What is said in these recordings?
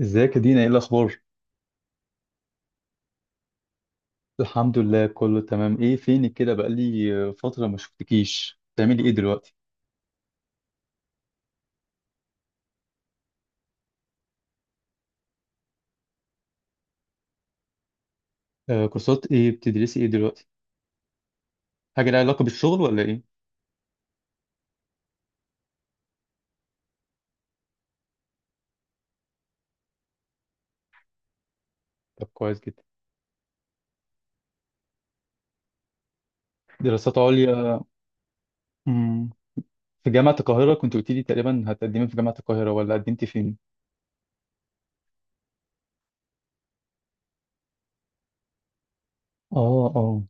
ازيك يا دينا؟ ايه الاخبار؟ الحمد لله كله تمام. ايه فينك كده؟ بقالي فتره ما شفتكيش. بتعملي ايه دلوقتي؟ آه، كورسات ايه بتدرسي ايه دلوقتي؟ حاجه لها علاقه بالشغل ولا ايه؟ طب كويس جدا. دراسات عليا. مم. في جامعه القاهره كنت قلت لي تقريبا هتقدمي في جامعه القاهره، ولا قدمتي فين؟ اه اه.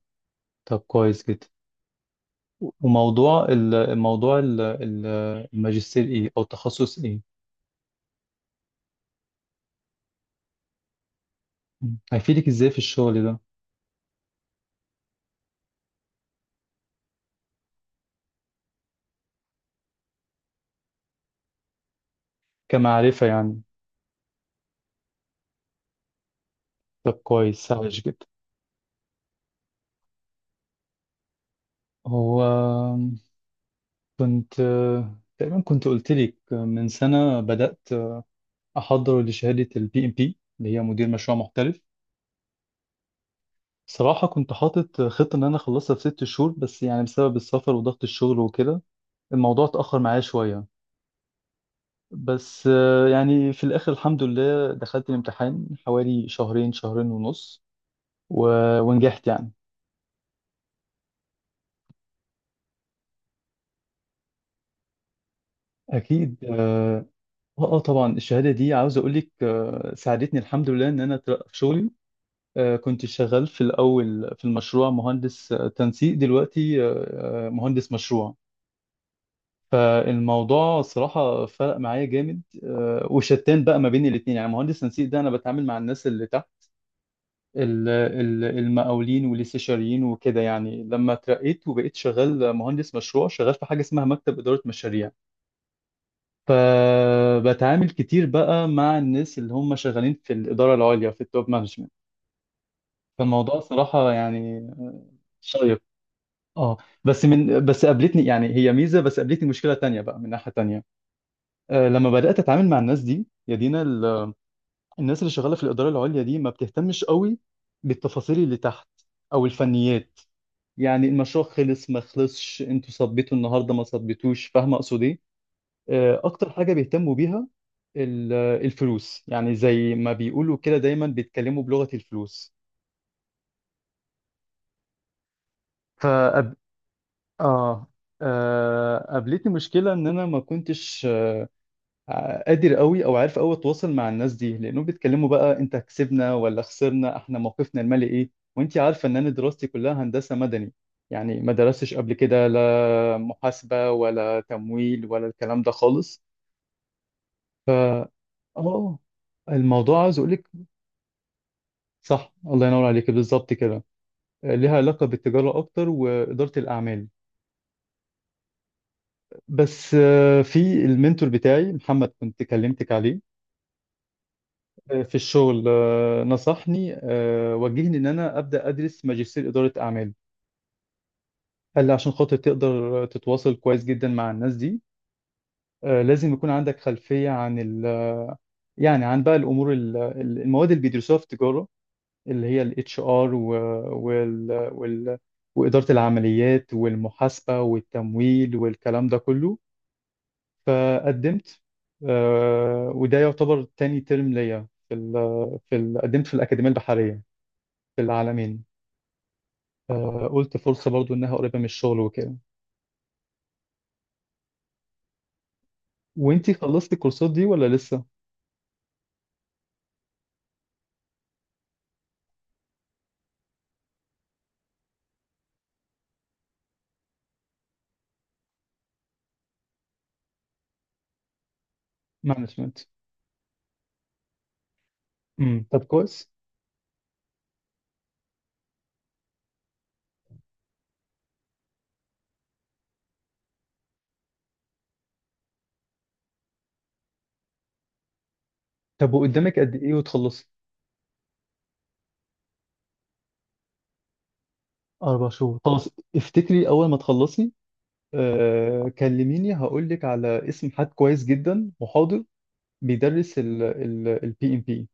طب كويس جدا. وموضوع الماجستير ايه او التخصص ايه؟ مم. هيفيدك ازاي في الشغل ده؟ كمعرفه يعني. طب كويس، سهل جدا. هو كنت تقريبا كنت قلت لك من سنة بدأت أحضر لشهادة البي ام بي، اللي هي مدير مشروع محترف. صراحة كنت حاطط خطة إن أنا أخلصها في 6 شهور، بس يعني بسبب السفر وضغط الشغل وكده الموضوع اتأخر معايا شوية. بس يعني في الآخر الحمد لله دخلت الامتحان حوالي شهرين ونص، و... ونجحت يعني. أكيد آه. طبعا الشهادة دي عاوز أقول لك، ساعدتني الحمد لله إن أنا أترقى في شغلي. كنت شغال في الأول في المشروع مهندس تنسيق، دلوقتي مهندس مشروع. فالموضوع صراحة فرق معايا جامد، وشتان بقى ما بين الاتنين. يعني مهندس تنسيق ده أنا بتعامل مع الناس اللي تحت، المقاولين والاستشاريين وكده. يعني لما اترقيت وبقيت شغال مهندس مشروع، شغال في حاجة اسمها مكتب إدارة مشاريع. فبتعامل كتير بقى مع الناس اللي هم شغالين في الإدارة العليا، في التوب مانجمنت. فالموضوع صراحة يعني شيق. اه. بس قابلتني يعني، هي ميزه، بس قابلتني مشكله تانية بقى من ناحيه تانية. لما بدات اتعامل مع الناس دي يا دينا، الناس اللي شغاله في الاداره العليا دي ما بتهتمش قوي بالتفاصيل اللي تحت او الفنيات. يعني المشروع خلص ما خلصش، انتوا صبيتوا النهارده ما صبيتوش، فاهمه اقصد ايه؟ اكتر حاجه بيهتموا بيها الفلوس. يعني زي ما بيقولوا كده دايما بيتكلموا بلغه الفلوس. فأب... اه. قابلتني مشكله ان انا ما كنتش، قادر قوي او عارف قوي اتواصل مع الناس دي، لانهم بيتكلموا بقى انت كسبنا ولا خسرنا، احنا موقفنا المالي ايه. وانت عارفه ان انا دراستي كلها هندسه مدني، يعني ما درستش قبل كده لا محاسبه ولا تمويل ولا الكلام ده خالص. ف اه، الموضوع عايز اقول لك، صح الله ينور عليك بالظبط كده، ليها علاقه بالتجاره اكتر واداره الاعمال. بس في المنتور بتاعي محمد، كنت كلمتك عليه في الشغل، نصحني، وجهني ان انا ابدا ادرس ماجستير اداره اعمال. قال لي عشان خاطر تقدر تتواصل كويس جدا مع الناس دي، لازم يكون عندك خلفيه عن يعني عن بقى الامور المواد اللي بيدرسوها في التجاره، اللي هي الاتش ار وال واداره العمليات والمحاسبه والتمويل والكلام ده كله. فقدمت، وده يعتبر تاني ترم ليا في ال قدمت في الاكاديميه البحريه في العالمين. قلت فرصة برضو إنها قريبة من الشغل وكده. وإنتي خلصتي الكورسات دي ولا لسه؟ مانجمنت. طب كويس. طب وقدامك قد إيه وتخلصي؟ 4 شهور، خلاص. افتكري أول ما تخلصي كلميني، هقول لك على اسم حد كويس جدا محاضر بيدرس البي إم بي.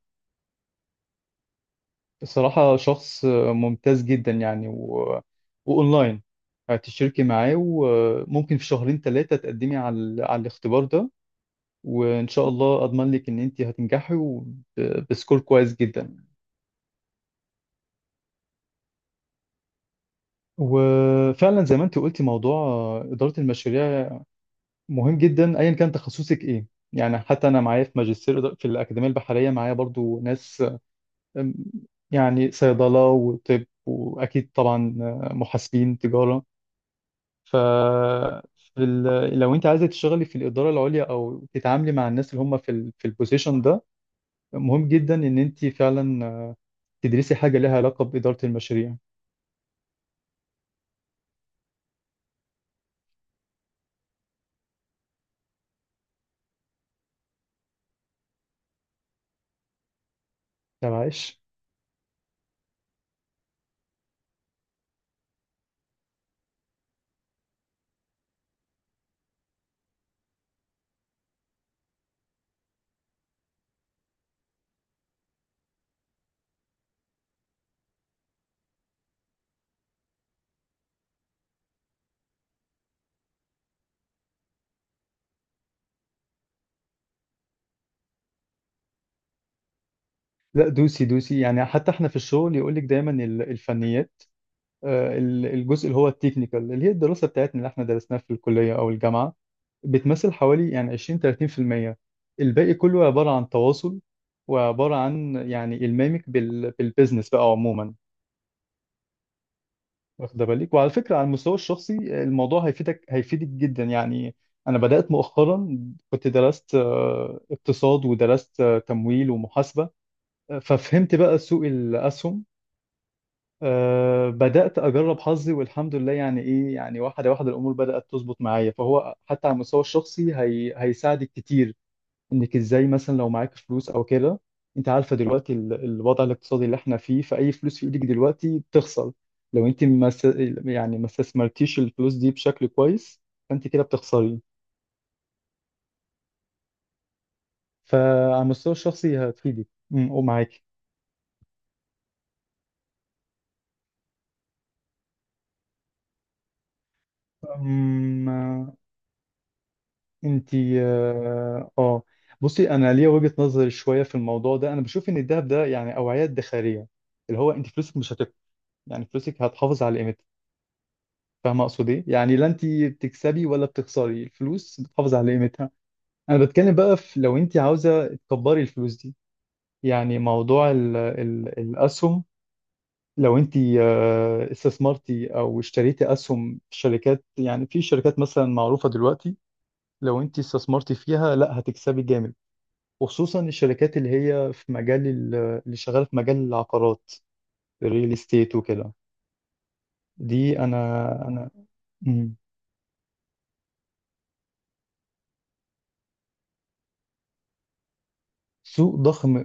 الصراحة شخص ممتاز جدا يعني وأونلاين. هتشتركي معاه وممكن في شهرين ثلاثة تقدمي على الاختبار ده، وان شاء الله اضمن لك ان انت هتنجحي بسكور كويس جدا. وفعلا زي ما انت قلتي، موضوع اداره المشاريع مهم جدا ايا كان تخصصك ايه. يعني حتى انا معايا في ماجستير في الاكاديميه البحريه معايا برضو ناس، أم، يعني صيدله وطب واكيد طبعا محاسبين تجاره. ف في لو انت عايزه تشتغلي في الاداره العليا او تتعاملي مع الناس اللي هم في في البوزيشن ده، مهم جدا ان انت فعلا تدرسي حاجة لها علاقة بإدارة المشاريع. طب عايش. لا، دوسي دوسي. يعني حتى احنا في الشغل يقول لك دايما الفنيات، الجزء اللي هو التكنيكال، اللي هي الدراسة بتاعتنا اللي احنا درسناها في الكلية أو الجامعة، بتمثل حوالي يعني 20 30%. الباقي كله عبارة عن تواصل، وعبارة عن يعني إلمامك بالبيزنس بقى عموما. واخدة بالك؟ وعلى فكرة على المستوى الشخصي الموضوع هيفيدك، جدا يعني. أنا بدأت مؤخرا، كنت درست اقتصاد، ودرست تمويل ومحاسبة. ففهمت بقى سوق الأسهم. أه، بدأت أجرب حظي والحمد لله، يعني إيه يعني، واحدة واحدة الأمور بدأت تظبط معايا. فهو حتى على المستوى الشخصي هي هيساعدك كتير، إنك إزاي مثلا لو معاك فلوس أو كده. أنت عارفة دلوقتي الوضع الاقتصادي اللي إحنا فيه، فأي فلوس في إيدك دلوقتي بتخسر. لو أنت ما س- يعني ما استثمرتيش الفلوس دي بشكل كويس، فأنت كده بتخسري. فعلى المستوى الشخصي هتفيدك. ومعاكي. انتي. بصي، انا ليا وجهة نظر شويه في الموضوع ده. انا بشوف ان الذهب ده يعني اوعيه ادخاريه، اللي هو انت فلوسك مش هتك، يعني فلوسك هتحافظ على قيمتها. فاهمه اقصد ايه؟ يعني لا انت بتكسبي ولا بتخسري، الفلوس بتحافظ على قيمتها. انا بتكلم بقى في، لو انت عاوزه تكبري الفلوس دي، يعني موضوع ال الاسهم. لو انت استثمرتي او اشتريتي اسهم في شركات، يعني في شركات مثلا معروفه دلوقتي، لو انت استثمرتي فيها لا هتكسبي جامد. وخصوصا الشركات اللي هي في مجال اللي شغاله في مجال العقارات، الريل استيت وكده. دي انا مم. سوق ضخم.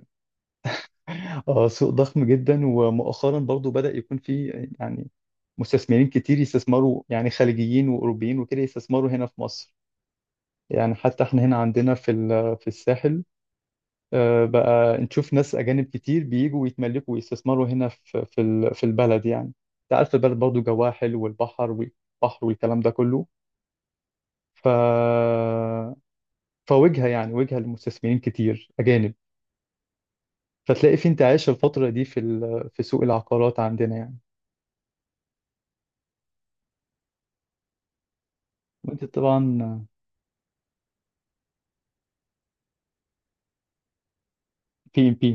اه، سوق ضخم جدا، ومؤخرا برضو بدأ يكون في يعني مستثمرين كتير يستثمروا، يعني خليجيين واوروبيين وكده، يستثمروا هنا في مصر. يعني حتى احنا هنا عندنا في في الساحل، بقى نشوف ناس اجانب كتير بيجوا ويتملكوا ويستثمروا هنا في البلد يعني. انت عارف البلد برضو جواها حلو، والبحر والبحر والكلام ده كله. ف فوجهه، يعني وجهه لمستثمرين كتير اجانب. فتلاقي في انتعاش الفتره دي في في سوق العقارات عندنا يعني. وانت طبعا. بي ام بي.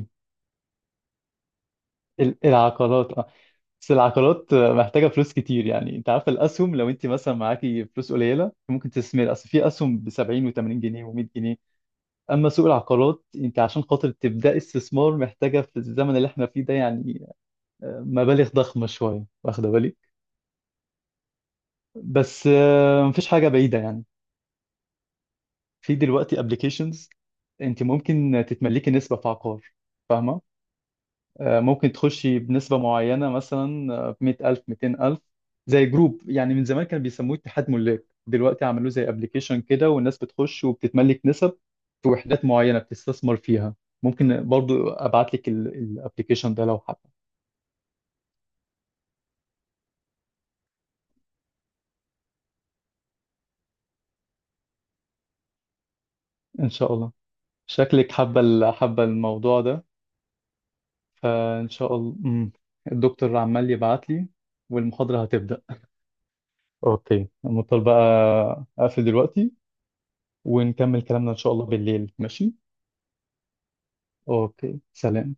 العقارات، اه. بس العقارات محتاجه فلوس كتير. يعني انت عارف الاسهم، لو انت مثلا معاكي فلوس قليله، ممكن تستثمر اصل في اسهم ب 70 و80 جنيه و100 جنيه. اما سوق العقارات، انت عشان خاطر تبداي استثمار محتاجه في الزمن اللي احنا فيه ده يعني مبالغ ضخمه شويه، واخده بالك. بس مفيش حاجه بعيده يعني. في دلوقتي ابلكيشنز، انت ممكن تتملكي نسبه في عقار. فاهمه؟ ممكن تخشي بنسبه معينه مثلا 100000 200000. زي جروب يعني من زمان كانوا بيسموه اتحاد ملاك، دلوقتي عملوه زي ابلكيشن كده، والناس بتخش وبتتملك نسب في وحدات معينه بتستثمر فيها. ممكن برضو ابعت لك الابلكيشن ده لو حابه. ان شاء الله. شكلك حابه حابه الموضوع ده. فان شاء الله. مم. الدكتور عمال يبعت لي، والمحاضره هتبدا. اوكي، مضطر بقى اقفل دلوقتي، ونكمل كلامنا ان شاء الله بالليل، ماشي؟ اوكي، سلام.